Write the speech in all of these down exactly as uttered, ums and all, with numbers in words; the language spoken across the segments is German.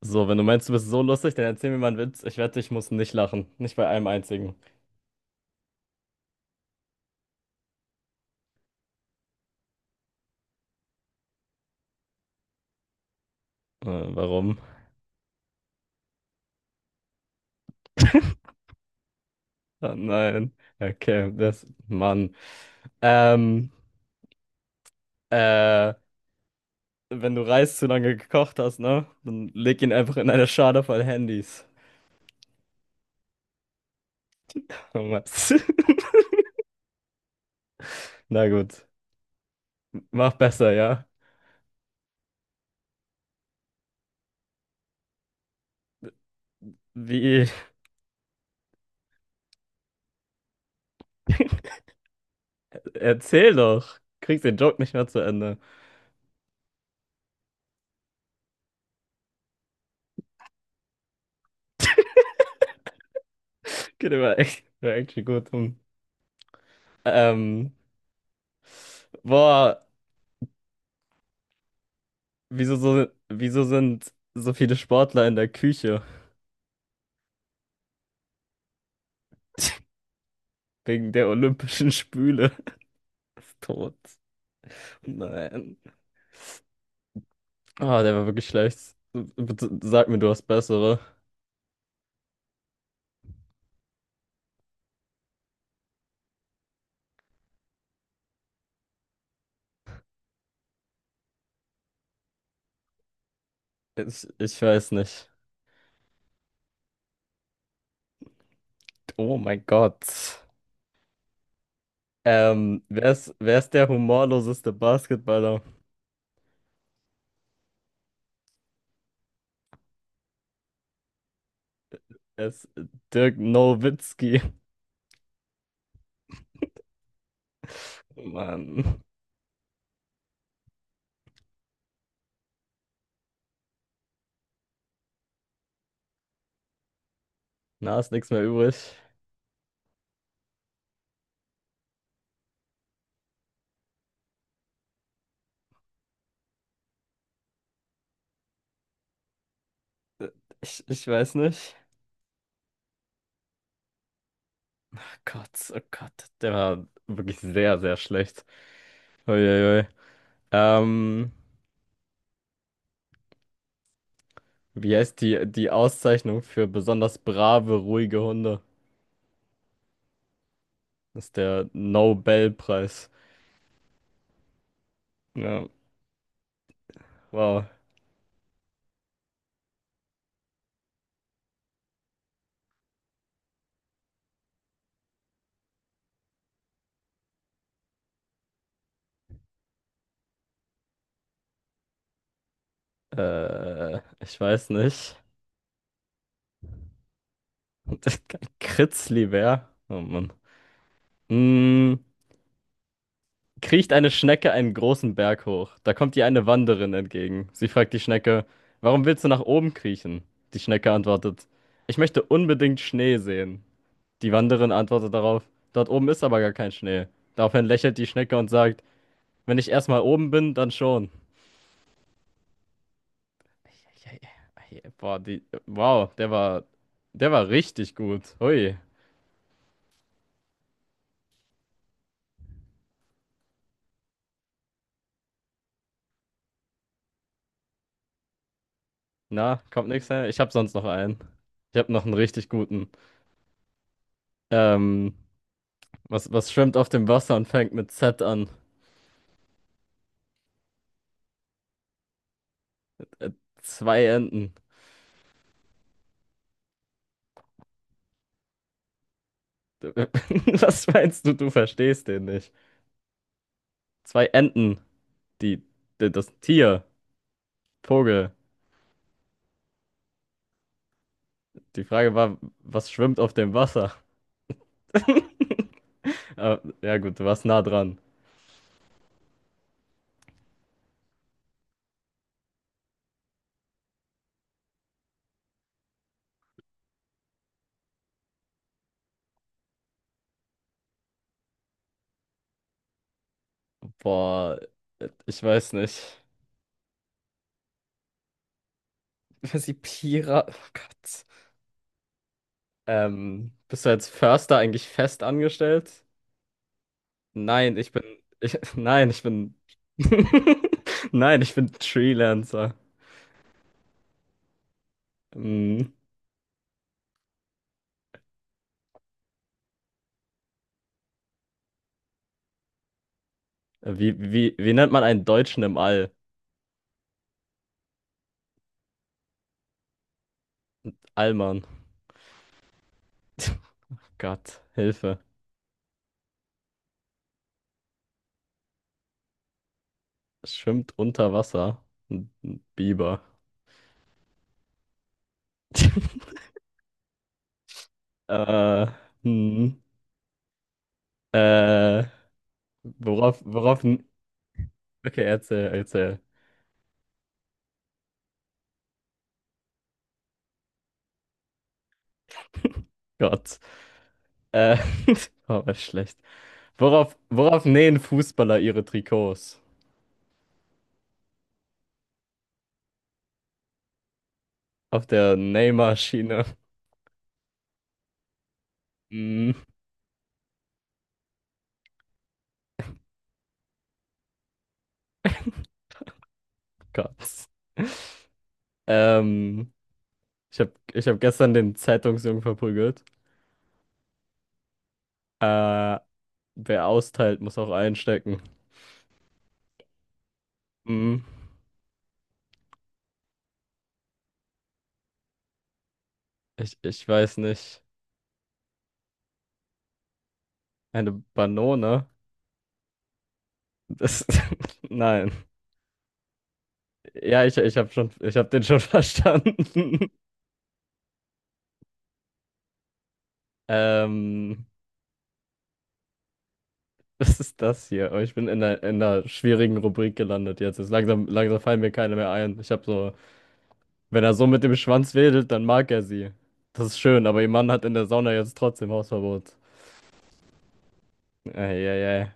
So, wenn du meinst, du bist so lustig, dann erzähl mir mal einen Witz. Ich wette, ich muss nicht lachen. Nicht bei einem einzigen. Äh, Warum? Ah, nein. Okay, das. Mann. Ähm, äh, Wenn du Reis zu lange gekocht hast, ne? Dann leg ihn einfach in eine Schale voll Handys. Oh Mann. Na gut. Mach besser, ja? Wie? Erzähl doch. Kriegst den Joke nicht mehr zu Ende. Geht aber echt, wär echt gut. Hm. Ähm, Boah. Wieso so, wieso sind so viele Sportler in der Küche? Wegen der olympischen Spüle. Ist Tot. Nein. Ah, der war wirklich schlecht. Bitte sag mir, du hast bessere. Ich, ich weiß nicht. Oh mein Gott. Ähm, wer ist, wer ist der humorloseste Basketballer? Es ist Dirk Nowitzki. Mann. Na, ist nichts mehr übrig. Ich, ich weiß nicht. Oh Gott, oh Gott. Der war wirklich sehr, sehr schlecht. Uiuiui. Ähm, Wie heißt die, die Auszeichnung für besonders brave, ruhige Hunde? Das ist der Nobelpreis. Ja, wow. Äh, ich weiß nicht. Kritzlibär? Oh Mann. Mm, kriecht eine Schnecke einen großen Berg hoch. Da kommt ihr eine Wanderin entgegen. Sie fragt die Schnecke, warum willst du nach oben kriechen? Die Schnecke antwortet, ich möchte unbedingt Schnee sehen. Die Wanderin antwortet darauf, dort oben ist aber gar kein Schnee. Daraufhin lächelt die Schnecke und sagt, wenn ich erstmal oben bin, dann schon. Boah, die, wow, der war, der war richtig gut. Hui. Na, kommt nichts her. Ich habe sonst noch einen. Ich habe noch einen richtig guten. Ähm, was, was schwimmt auf dem Wasser und fängt mit Z an? Äh, Zwei Enten. Was meinst du? Du verstehst den nicht. Zwei Enten. Die, die, Das Tier. Vogel. Die Frage war, was schwimmt auf dem Wasser? Äh, ja gut, du warst nah dran. Boah, ich weiß nicht. Sie Pira. Oh Gott. Ähm, bist du als Förster eigentlich fest angestellt? Nein, ich bin. Ich, nein, ich bin. Nein, ich bin Freelancer. Hm. Wie, wie, wie nennt man einen Deutschen im All? Allmann. Gott, Hilfe. Es schwimmt unter Wasser. Ein ein Biber. Äh, hm. Äh, worauf, Worauf. n- Okay, erzähl, erzähl. Gott. Äh, war aber schlecht. Worauf, worauf nähen Fußballer ihre Trikots? Auf der Nähmaschine. Mm. Gott. Ähm, ich habe ich hab gestern den Zeitungsjungen verprügelt. Äh, Wer austeilt, muss auch einstecken. Mm. Ich, ich weiß nicht. Eine Banone? Das, nein. Ja, ich, ich habe schon, ich hab den schon verstanden. Ähm, was ist das hier? Oh, ich bin in einer, in einer schwierigen Rubrik gelandet jetzt. Ist langsam, langsam fallen mir keine mehr ein. Ich habe so, wenn er so mit dem Schwanz wedelt, dann mag er sie. Das ist schön, aber ihr Mann hat in der Sauna jetzt trotzdem Hausverbot. Ey, ey, ey.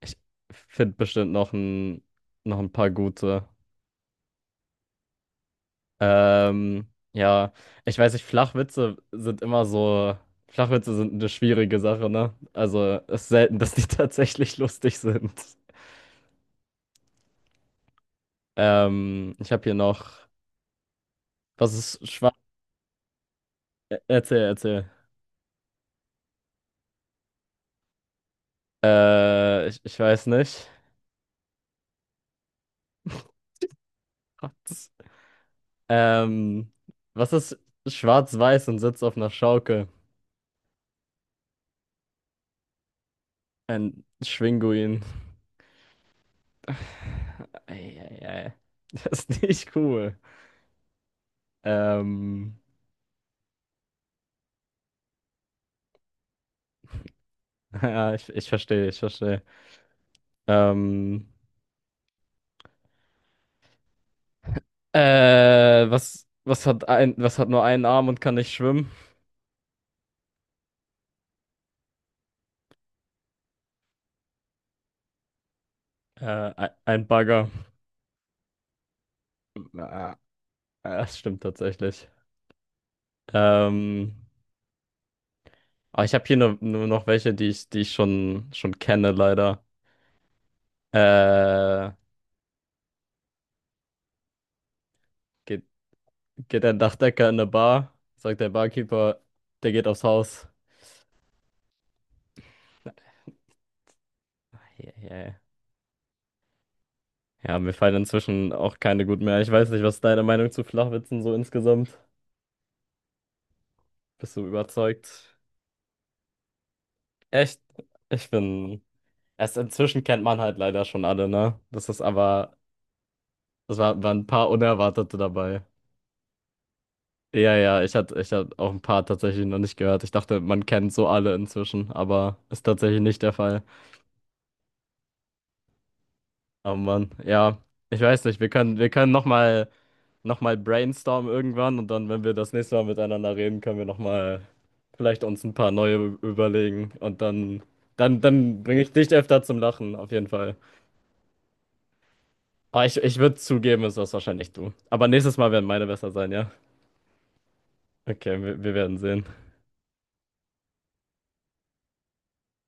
Ich finde bestimmt noch ein, noch ein paar gute. Ähm, ja, ich weiß nicht, Flachwitze sind immer so, Flachwitze sind eine schwierige Sache, ne? Also, es ist selten, dass die tatsächlich lustig sind. Ähm, ich habe hier noch, was ist Schwanz? Er- Erzähl, erzähl. Äh, ich, ich weiß nicht. Gott. Ähm, was ist schwarz-weiß und sitzt auf einer Schaukel? Ein Schwinguin. Eieiei. Das ist nicht cool. Ähm, ja, ich, ich verstehe, ich verstehe. Ähm, äh, was, was hat ein, was hat nur einen Arm und kann nicht schwimmen? Äh, ein ein Bagger. Ah, das stimmt tatsächlich. Ähm, Aber ich habe hier nur, nur noch welche, die ich, die ich schon, schon kenne, leider. Äh, geht, geht ein Dachdecker in eine Bar, sagt der Barkeeper, der geht aufs Haus. Eieiei. Ja, ja. Ja, mir fallen inzwischen auch keine gut mehr. Ich weiß nicht, was ist deine Meinung zu Flachwitzen so insgesamt? Bist du überzeugt? Echt? Ich bin. Erst inzwischen kennt man halt leider schon alle, ne? Das ist aber. Es war, waren ein paar Unerwartete dabei. Ja, ja, ich hatte ich hatte auch ein paar tatsächlich noch nicht gehört. Ich dachte, man kennt so alle inzwischen, aber ist tatsächlich nicht der Fall. Aber Mann, ja, ich weiß nicht, wir können, wir können nochmal noch mal noch mal brainstormen irgendwann und dann, wenn wir das nächste Mal miteinander reden, können wir nochmal vielleicht uns ein paar neue überlegen und dann, dann, dann bringe ich dich öfter zum Lachen, auf jeden Fall. Aber ich, ich würde zugeben, es warst wahrscheinlich du. Aber nächstes Mal werden meine besser sein, ja? Okay, wir, wir werden sehen.